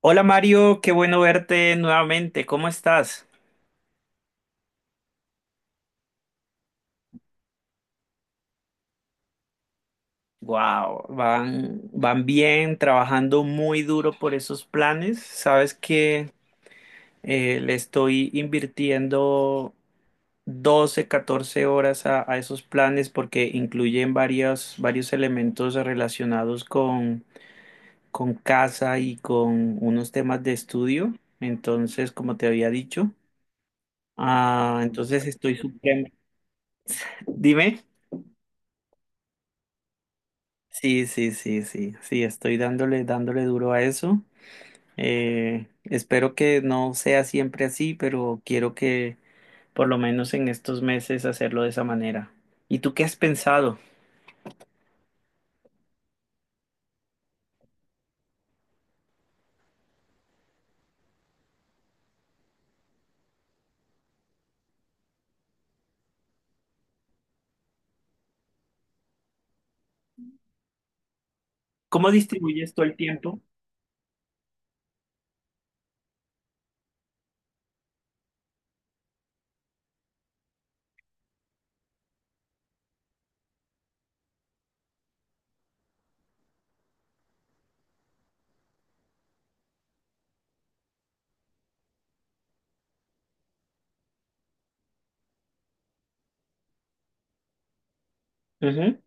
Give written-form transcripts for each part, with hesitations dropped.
Hola Mario, qué bueno verte nuevamente. ¿Cómo estás? Wow, van bien, trabajando muy duro por esos planes. Sabes que le estoy invirtiendo 12, 14 horas a esos planes porque incluyen varios elementos relacionados con casa y con unos temas de estudio. Entonces, como te había dicho, entonces estoy supremo. Dime. Sí, sí, sí, sí, sí, estoy dándole duro a eso. Espero que no sea siempre así, pero quiero que por lo menos en estos meses hacerlo de esa manera. ¿Y tú qué has pensado? ¿Cómo distribuyes todo el tiempo? Ujú.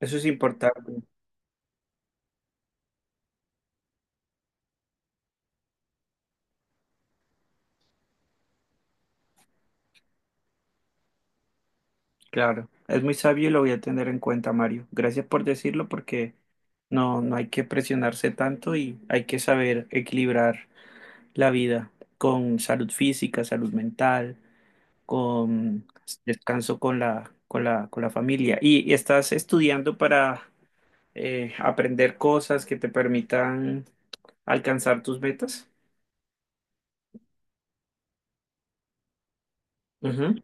Eso es importante, claro. Es muy sabio y lo voy a tener en cuenta, Mario. Gracias por decirlo porque no, no hay que presionarse tanto y hay que saber equilibrar la vida con salud física, salud mental, con descanso, con con la familia. Y estás estudiando para aprender cosas que te permitan alcanzar tus metas. Ujú.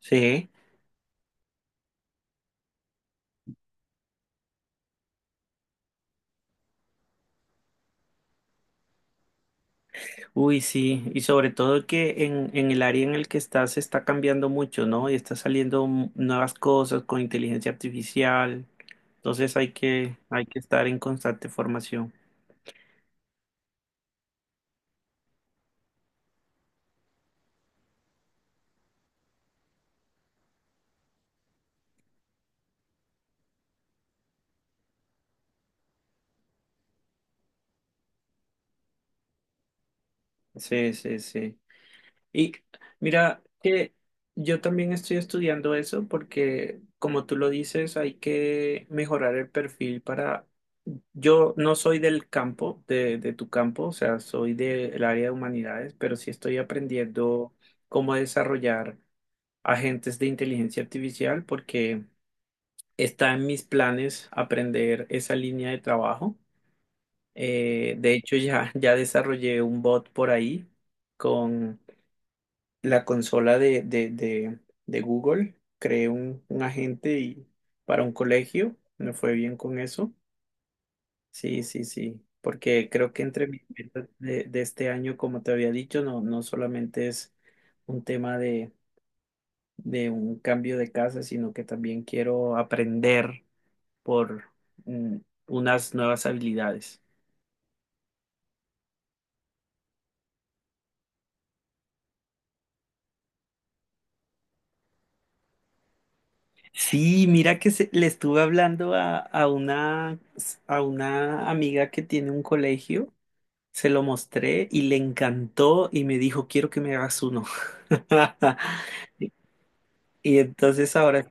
Sí, uy, sí, y sobre todo que en el área en el que estás se está cambiando mucho, ¿no? Y está saliendo nuevas cosas con inteligencia artificial, entonces hay que estar en constante formación. Sí, sí, sí. Y mira que yo también estoy estudiando eso porque, como tú lo dices, hay que mejorar el perfil para... Yo no soy del campo, de tu campo, o sea, soy del área de humanidades, pero sí estoy aprendiendo cómo desarrollar agentes de inteligencia artificial porque está en mis planes aprender esa línea de trabajo. De hecho, ya desarrollé un bot por ahí con la consola de Google, creé un agente y para un colegio, me fue bien con eso. Sí, sí, sí, porque creo que entre mis metas de este año, como te había dicho, no, no solamente es un tema de un cambio de casa, sino que también quiero aprender por mm, unas nuevas habilidades. Sí, mira que le estuve hablando a una amiga que tiene un colegio. Se lo mostré y le encantó y me dijo, quiero que me hagas uno. Y entonces ahora,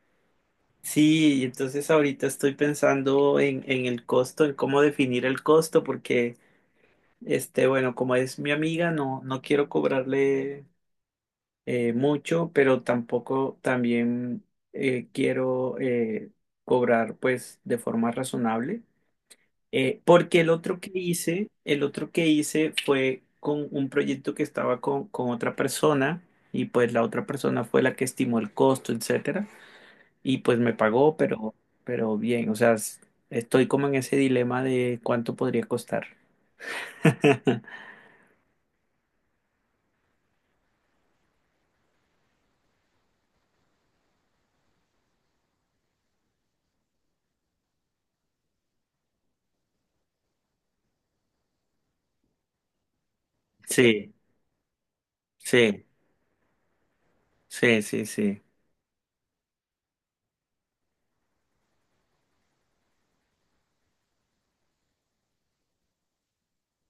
sí, y entonces ahorita estoy pensando en el costo, en cómo definir el costo, porque, este, bueno, como es mi amiga, no, no quiero cobrarle mucho, pero tampoco también quiero cobrar pues de forma razonable. Porque el otro que hice, el otro que hice fue con un proyecto que estaba con otra persona y pues la otra persona fue la que estimó el costo, etcétera, y pues me pagó, pero bien, o sea, estoy como en ese dilema de cuánto podría costar. Sí, sí, sí, sí, sí.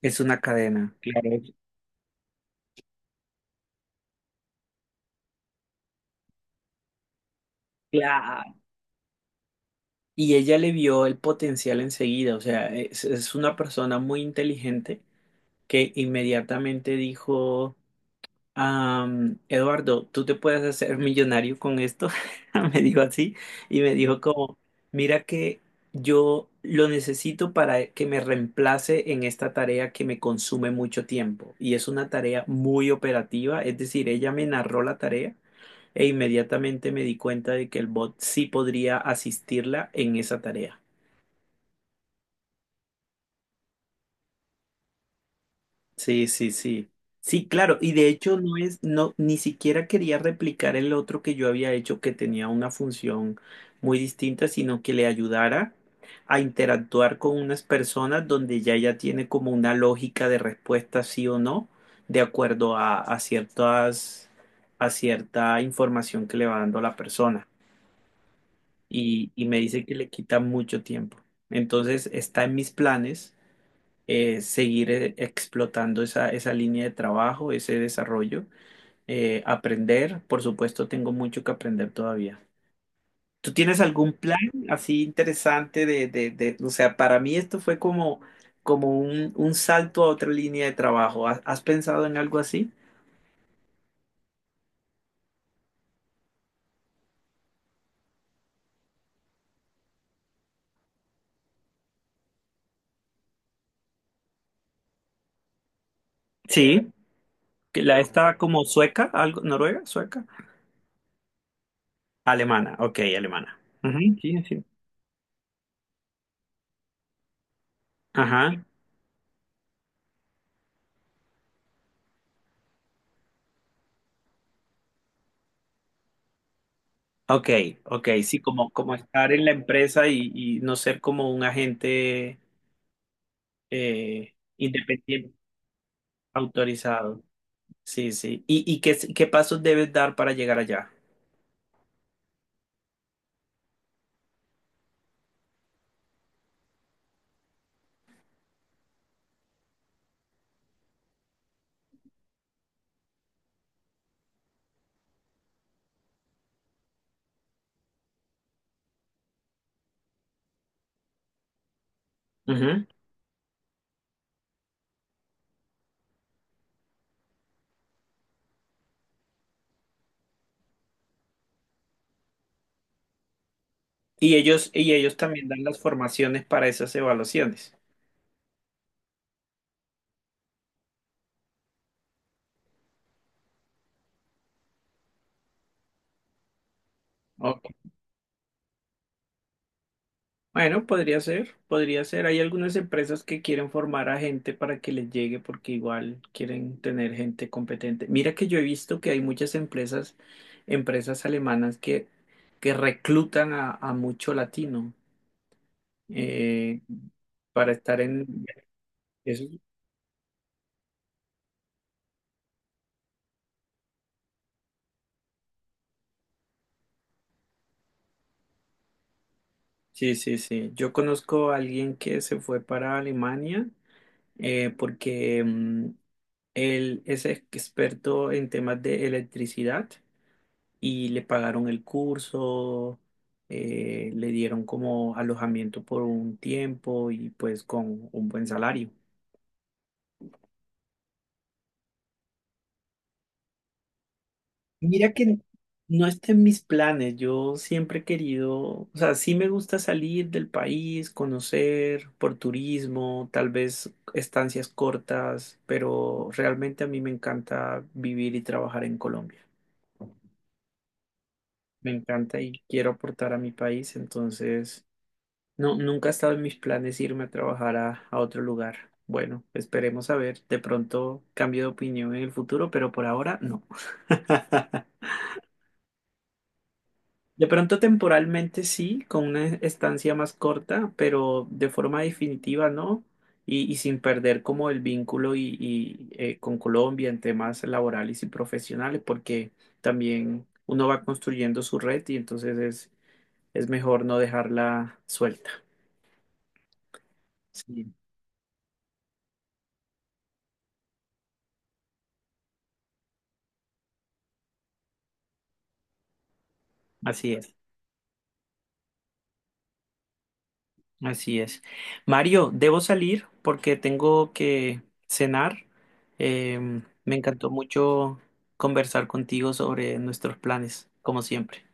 Es una cadena. Claro. Claro. Y ella le vio el potencial enseguida, o sea, es una persona muy inteligente que inmediatamente dijo... Am, Eduardo, tú te puedes hacer millonario con esto, me dijo así, y me dijo como, mira que yo lo necesito para que me reemplace en esta tarea que me consume mucho tiempo, y es una tarea muy operativa, es decir, ella me narró la tarea e inmediatamente me di cuenta de que el bot sí podría asistirla en esa tarea. Sí, sí, sí. Sí, claro, y de hecho no es, no, ni siquiera quería replicar el otro que yo había hecho que tenía una función muy distinta, sino que le ayudara a interactuar con unas personas donde ya tiene como una lógica de respuesta sí o no, de acuerdo a ciertas, a cierta información que le va dando la persona. Y me dice que le quita mucho tiempo. Entonces está en mis planes seguir explotando esa, esa línea de trabajo, ese desarrollo, aprender. Por supuesto, tengo mucho que aprender todavía. ¿Tú tienes algún plan así interesante o sea, para mí esto fue como, como un salto a otra línea de trabajo. ¿Has, has pensado en algo así? Sí, que la está como sueca, algo, noruega, sueca, alemana, ok, alemana. Ujú, sí, sí. Ajá. Ok, ok, sí, como, como estar en la empresa y no ser como un agente independiente, autorizado. Sí, sí. Y qué, qué pasos debes dar para llegar allá? Ujú. Y ellos también dan las formaciones para esas evaluaciones. Ok. Bueno, podría ser, podría ser. Hay algunas empresas que quieren formar a gente para que les llegue porque igual quieren tener gente competente. Mira que yo he visto que hay muchas empresas, empresas alemanas que reclutan a mucho latino eh, para estar en... eso. Sí, sí, sí. Yo conozco a alguien que se fue para Alemania porque él es experto en temas de electricidad y le pagaron el curso, le dieron como alojamiento por un tiempo y pues con un buen salario. Mira que no está en mis planes. Yo siempre he querido, o sea, sí me gusta salir del país, conocer por turismo, tal vez estancias cortas, pero realmente a mí me encanta vivir y trabajar en Colombia. Me encanta y quiero aportar a mi país, entonces no, nunca ha estado en mis planes irme a trabajar a otro lugar. Bueno, esperemos a ver. De pronto cambio de opinión en el futuro, pero por ahora no. De pronto temporalmente sí, con una estancia más corta, pero de forma definitiva no, y sin perder como el vínculo y, con Colombia en temas laborales y profesionales, porque también uno va construyendo su red y entonces es mejor no dejarla suelta. Sí, así es. Así es. Mario, debo salir porque tengo que cenar. Eh, Me encantó mucho conversar contigo sobre nuestros planes, como siempre.